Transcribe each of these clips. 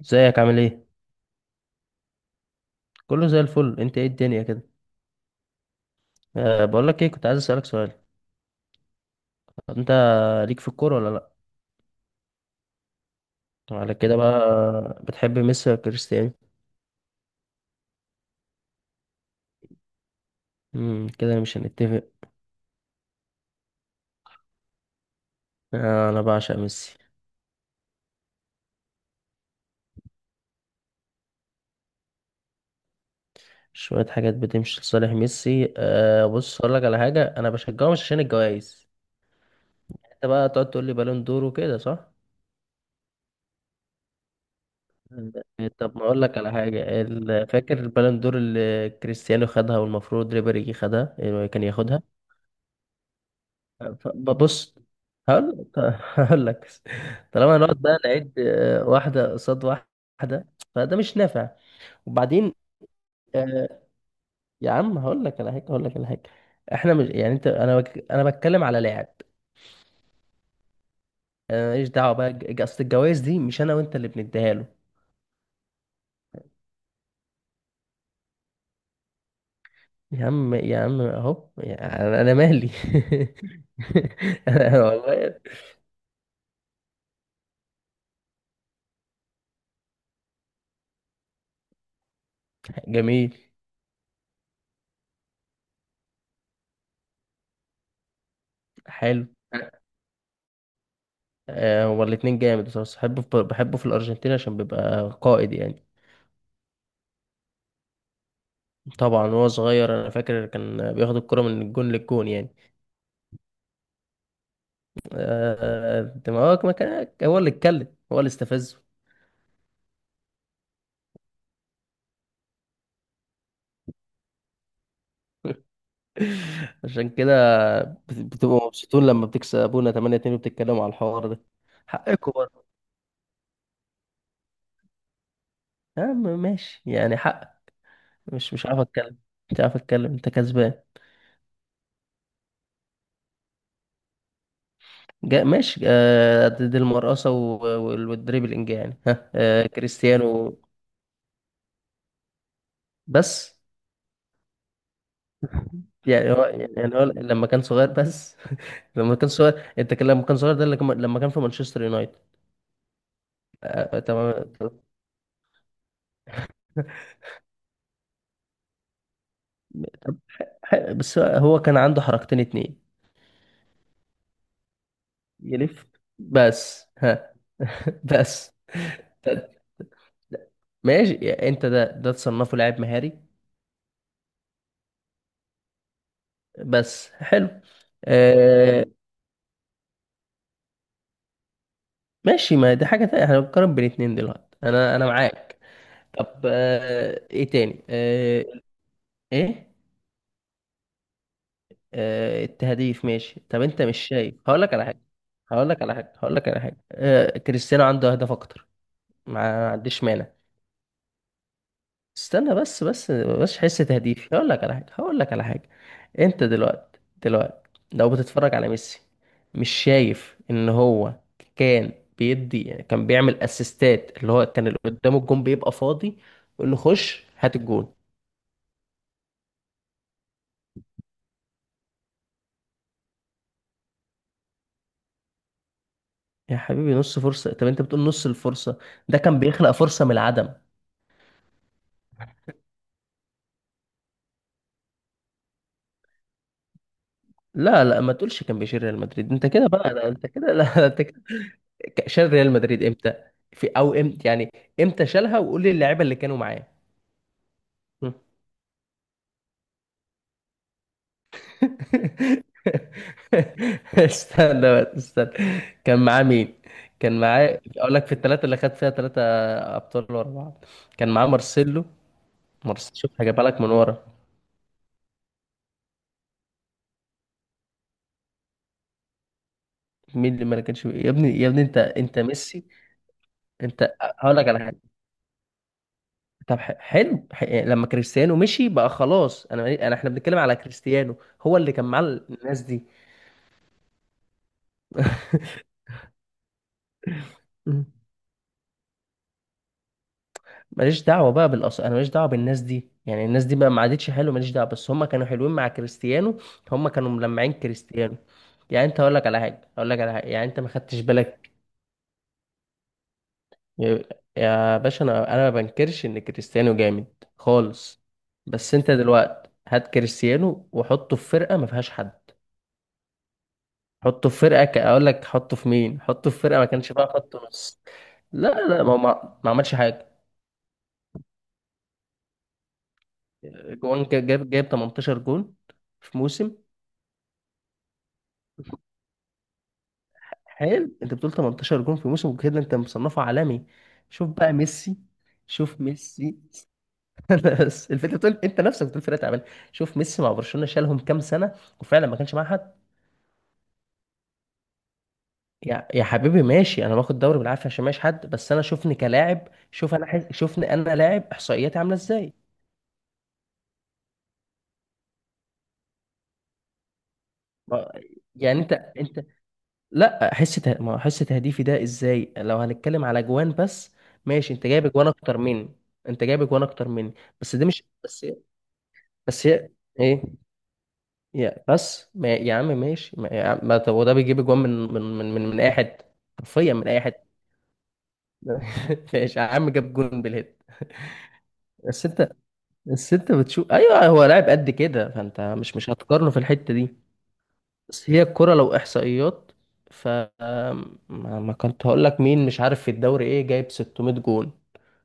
ازيك؟ عامل ايه؟ كله زي الفل. انت ايه الدنيا كده؟ أه، بقول لك ايه، كنت عايز اسالك سؤال. انت ليك في الكوره ولا لا؟ على كده بقى، بتحب ميسي ولا كريستيانو؟ كده مش هنتفق. آه، انا بعشق ميسي. شويه حاجات بتمشي لصالح ميسي. أه، بص اقول لك على حاجه، انا بشجعه مش عشان الجوائز. انت بقى تقعد تقول لي بالون دور وكده، صح؟ مم. طب ما اقول لك على حاجه. فاكر البالون دور اللي كريستيانو خدها والمفروض ريبيري خدها، إيه، كان ياخدها. ببص. هقول هقول لك. طالما هنقعد بقى نعيد، واحدة قصاد واحدة. فده مش نافع. وبعدين، آه، يا عم، هقول لك على حاجة، هقول لك على حاجة. احنا مش، يعني انت، انا بك... انا بتكلم على لاعب. انا ماليش دعوة بقى. اصل الجوائز دي مش انا وانت اللي بنديها له. يا عم، يا عم، اهو يعني. انا مالي. أنا والله. جميل. حلو. آه، هو الاتنين جامد بصراحة. بحبه في الأرجنتين عشان بيبقى قائد يعني. طبعا، وهو صغير انا فاكر كان بياخد الكرة من الجون للجون يعني. آه، ما هو، ما كان هو اللي اتكلم، هو اللي استفزه. عشان كده. بتبقوا مبسوطين لما بتكسبونا 8-2، وبتتكلموا على الحوار ده. حقكم برضه. يا عم، ماشي يعني، حق. مش عارف اتكلم. مش عارف اتكلم، انت كسبان. ماشي، آه، قد دي المرقصة والدريبلينج يعني. ها آه، كريستيانو. بس يعني هو، لما كان صغير بس لما كان صغير، انت كان، لما كان صغير ده اللي لما كان في مانشستر يونايتد. آه، آه، تمام. طب، بس هو كان عنده حركتين اتنين. يلف بس، بس. ماشي يعني، انت ده تصنفه لاعب مهاري. بس حلو. آه. ماشي، ما دي حاجة تانية، احنا بنقارن بين اتنين دلوقتي، انا معاك. طب، آه، ايه تاني، آه. ايه؟ آه، التهديف، ماشي. طب انت مش شايف، هقول لك على حاجه، هقول لك على حاجه. هقول لك على حاجه، كريستيانو عنده اهداف اكتر. ما عنديش مانع. استنى. بس حس تهديف، هقول لك على حاجه، هقول لك على حاجه. انت دلوقتي، لو بتتفرج على ميسي، مش شايف ان هو كان بيدي يعني، كان بيعمل اسيستات، اللي هو كان اللي قدامه الجون بيبقى فاضي، يقول له خش هات الجون. يا حبيبي، نص فرصة؟ طب انت بتقول نص الفرصة، ده كان بيخلق فرصة من العدم. لا، لا، ما تقولش كان بيشيل ريال مدريد. انت كده بقى؟ لا، انت كده، لا انت كده. شال ريال مدريد امتى؟ في، او امتى يعني؟ امتى شالها وقول لي اللعيبه اللي كانوا معاه؟ استنى بقى، استنى. كان معاه مين؟ كان معاه، اقول لك، في الثلاثه اللي خد فيها ثلاثه ابطال ورا بعض. كان معاه مارسيلو. مارسيلو، شوف هجيبها لك من ورا. مين اللي ما كانش يا ابني، يا ابني؟ انت، ميسي. انت. هقول لك على حاجه. طب، حلو، لما كريستيانو مشي بقى خلاص، انا انا احنا بنتكلم على كريستيانو. هو اللي كان مع الناس دي. مم. ماليش دعوه بقى بالأص... انا ماليش دعوه بالناس دي يعني، الناس دي بقى ما عادتش حلوه، ماليش دعوه، بس هم كانوا حلوين مع كريستيانو. هم كانوا ملمعين كريستيانو. يعني انت، اقول لك على حاجه، اقول لك على حاجه، يعني انت ما خدتش بالك. يا يا باشا، انا ما بنكرش ان كريستيانو جامد. خالص. بس انت دلوقتي، هات كريستيانو وحطه في فرقه ما فيهاش حد. حطه في فرقة ك... اقول لك، حطه في مين، حطه في فرقة ما كانش فيها خط نص. لا، لا، ما هو، ما عملش حاجة. جوان، جاب 18 جون في موسم. حلو، انت بتقول 18 جون في موسم كده؟ انت مصنفه عالمي. شوف بقى ميسي. شوف ميسي. بس الفكره بتقول، انت نفسك بتقول فرقه تعبانه. شوف ميسي مع برشلونه، شالهم كام سنه، وفعلا ما كانش معاه حد. يا حبيبي، ماشي، انا باخد دوري بالعافيه عشان ماشي حد، بس انا شوفني كلاعب، شوف انا حز... شوفني انا لاعب، احصائياتي عامله ازاي. ما- يعني انت، لا حس ته... ما حس تهديفي ده ازاي، لو هنتكلم على جوان بس. ماشي، انت جايب جوان اكتر مني. انت جايب جوان اكتر مني. بس دي مش بس. بس هي. ايه؟ يا، بس ما... يا عم ماشي ما... يا عم... ما... طب وده بيجيب جوان، من اي حد. حرفيا من اي حد. ماشي يا عم، جاب جون بالهيد. بس انت. بس انت بتشوف، ايوه هو لاعب قد كده، فانت مش هتقارنه في الحتة دي. بس هي الكرة لو إحصائيات. ف، ما... ما كنت هقول لك مين مش عارف في الدوري إيه، جايب 600 جون.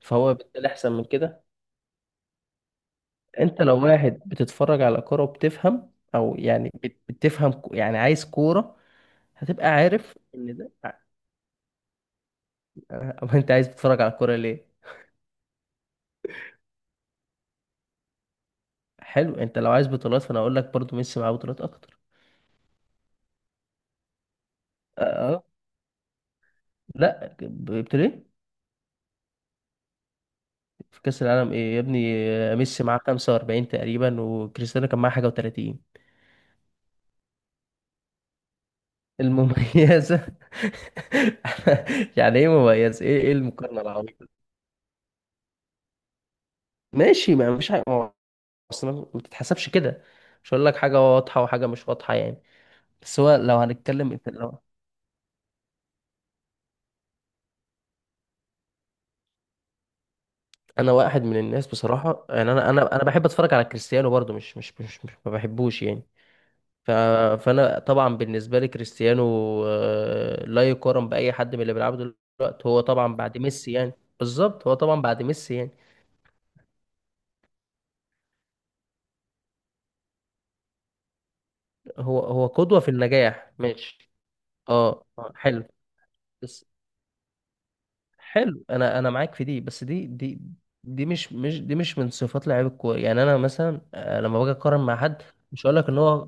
فهو بالتالي أحسن من كده. أنت لو واحد بتتفرج على كرة وبتفهم، أو يعني بتفهم، يعني عايز كورة، هتبقى عارف إن ده... أو أنت عايز تتفرج على الكورة ليه؟ حلو، أنت لو عايز بطولات فأنا أقول لك برضو ميسي معاه بطولات أكتر. أه. لا، جبت ليه؟ في كأس العالم إيه يا ابني؟ ميسي معاه 45 تقريبا، وكريستيانو كان معاه حاجة و30. المميزة. يعني ايه مميز؟ ايه المقارنة العبيطة دي؟ ماشي، ما مفيش حاجة، ما هو اصلا ما بتتحسبش كده. مش هقول لك حاجة واضحة وحاجة مش واضحة يعني. بس هو لو هنتكلم، انت لو... انا واحد من الناس بصراحة يعني، انا بحب اتفرج على كريستيانو برضو، مش مش مش, مش ما بحبوش يعني. ف... فانا طبعا بالنسبة لي كريستيانو، لا يقارن بأي حد من اللي بيلعبوا دلوقتي. هو طبعا بعد ميسي يعني. بالظبط، هو طبعا بعد ميسي يعني. هو قدوة في النجاح ماشي. اه، آه، حلو. بس، حلو. انا معاك في دي، بس دي، دي دي مش مش دي مش من صفات لعيب الكوره يعني، انا مثلا لما باجي اقارن مع حد، مش هقول لك ان هو...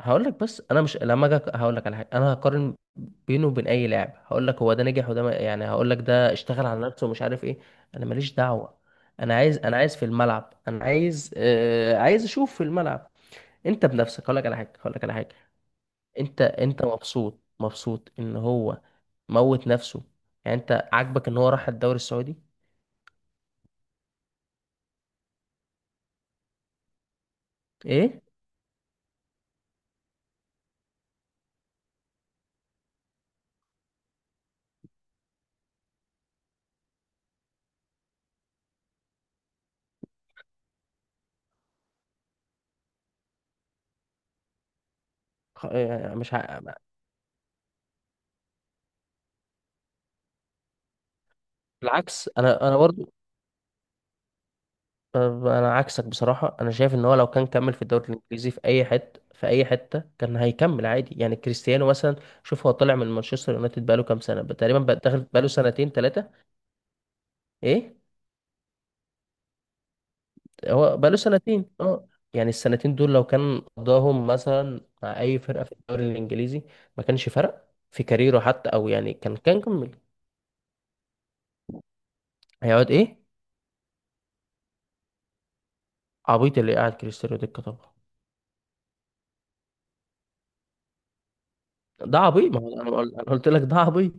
هقول لك، بس انا مش لما اجي هقول لك على حاجه، انا هقارن بينه وبين اي لاعب هقول لك هو ده نجح وده يعني هقول لك ده اشتغل على نفسه ومش عارف ايه. انا ماليش دعوه. انا عايز في الملعب، انا عايز آه عايز اشوف في الملعب. انت بنفسك، هقول لك على حاجه، هقول لك على حاجه. انت مبسوط ان هو موت نفسه. يعني انت عاجبك ان هو راح الدوري السعودي؟ ايه؟ يعني مش ع... بالعكس، انا برضو. انا عكسك بصراحه، انا شايف ان هو لو كان كمل في الدوري الانجليزي في اي حته، في اي حته كان هيكمل عادي يعني كريستيانو مثلا. شوف، هو طلع من مانشستر يونايتد بقاله كام سنه تقريبا، داخل بقاله سنتين ثلاثه. ايه؟ هو بقاله سنتين، اه. يعني السنتين دول لو كان قضاهم مثلا مع اي فرقه في الدوري الانجليزي، ما كانش فرق في كاريره حتى، او يعني كان كمل. هيقعد ايه؟ عبيط اللي قاعد كريستيانو دكة طبعا. ده عبيط، ما هو انا أنا قلت لك ده عبيط.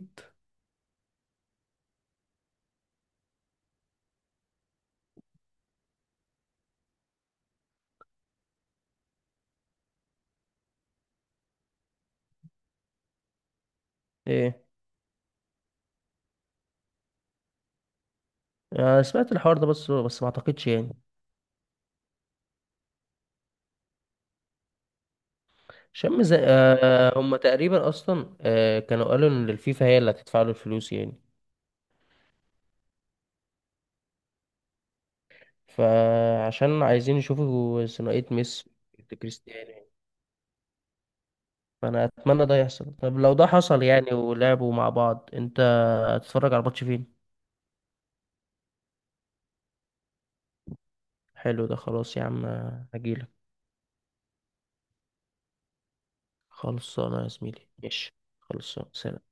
ايه؟ انا سمعت الحوار ده، بس ما اعتقدش يعني. زي، هم تقريبا اصلا، كانوا قالوا ان الفيفا هي اللي هتدفع له الفلوس يعني. فعشان عايزين يشوفوا ثنائية ميسي كريستيانو يعني. فانا اتمنى ده يحصل. طب لو ده حصل يعني ولعبوا مع بعض، انت هتتفرج على الماتش فين؟ حلو، ده خلاص يا عم. هجيلك. خلصانه يا زميلي، ماشي. خلصانه، سلام.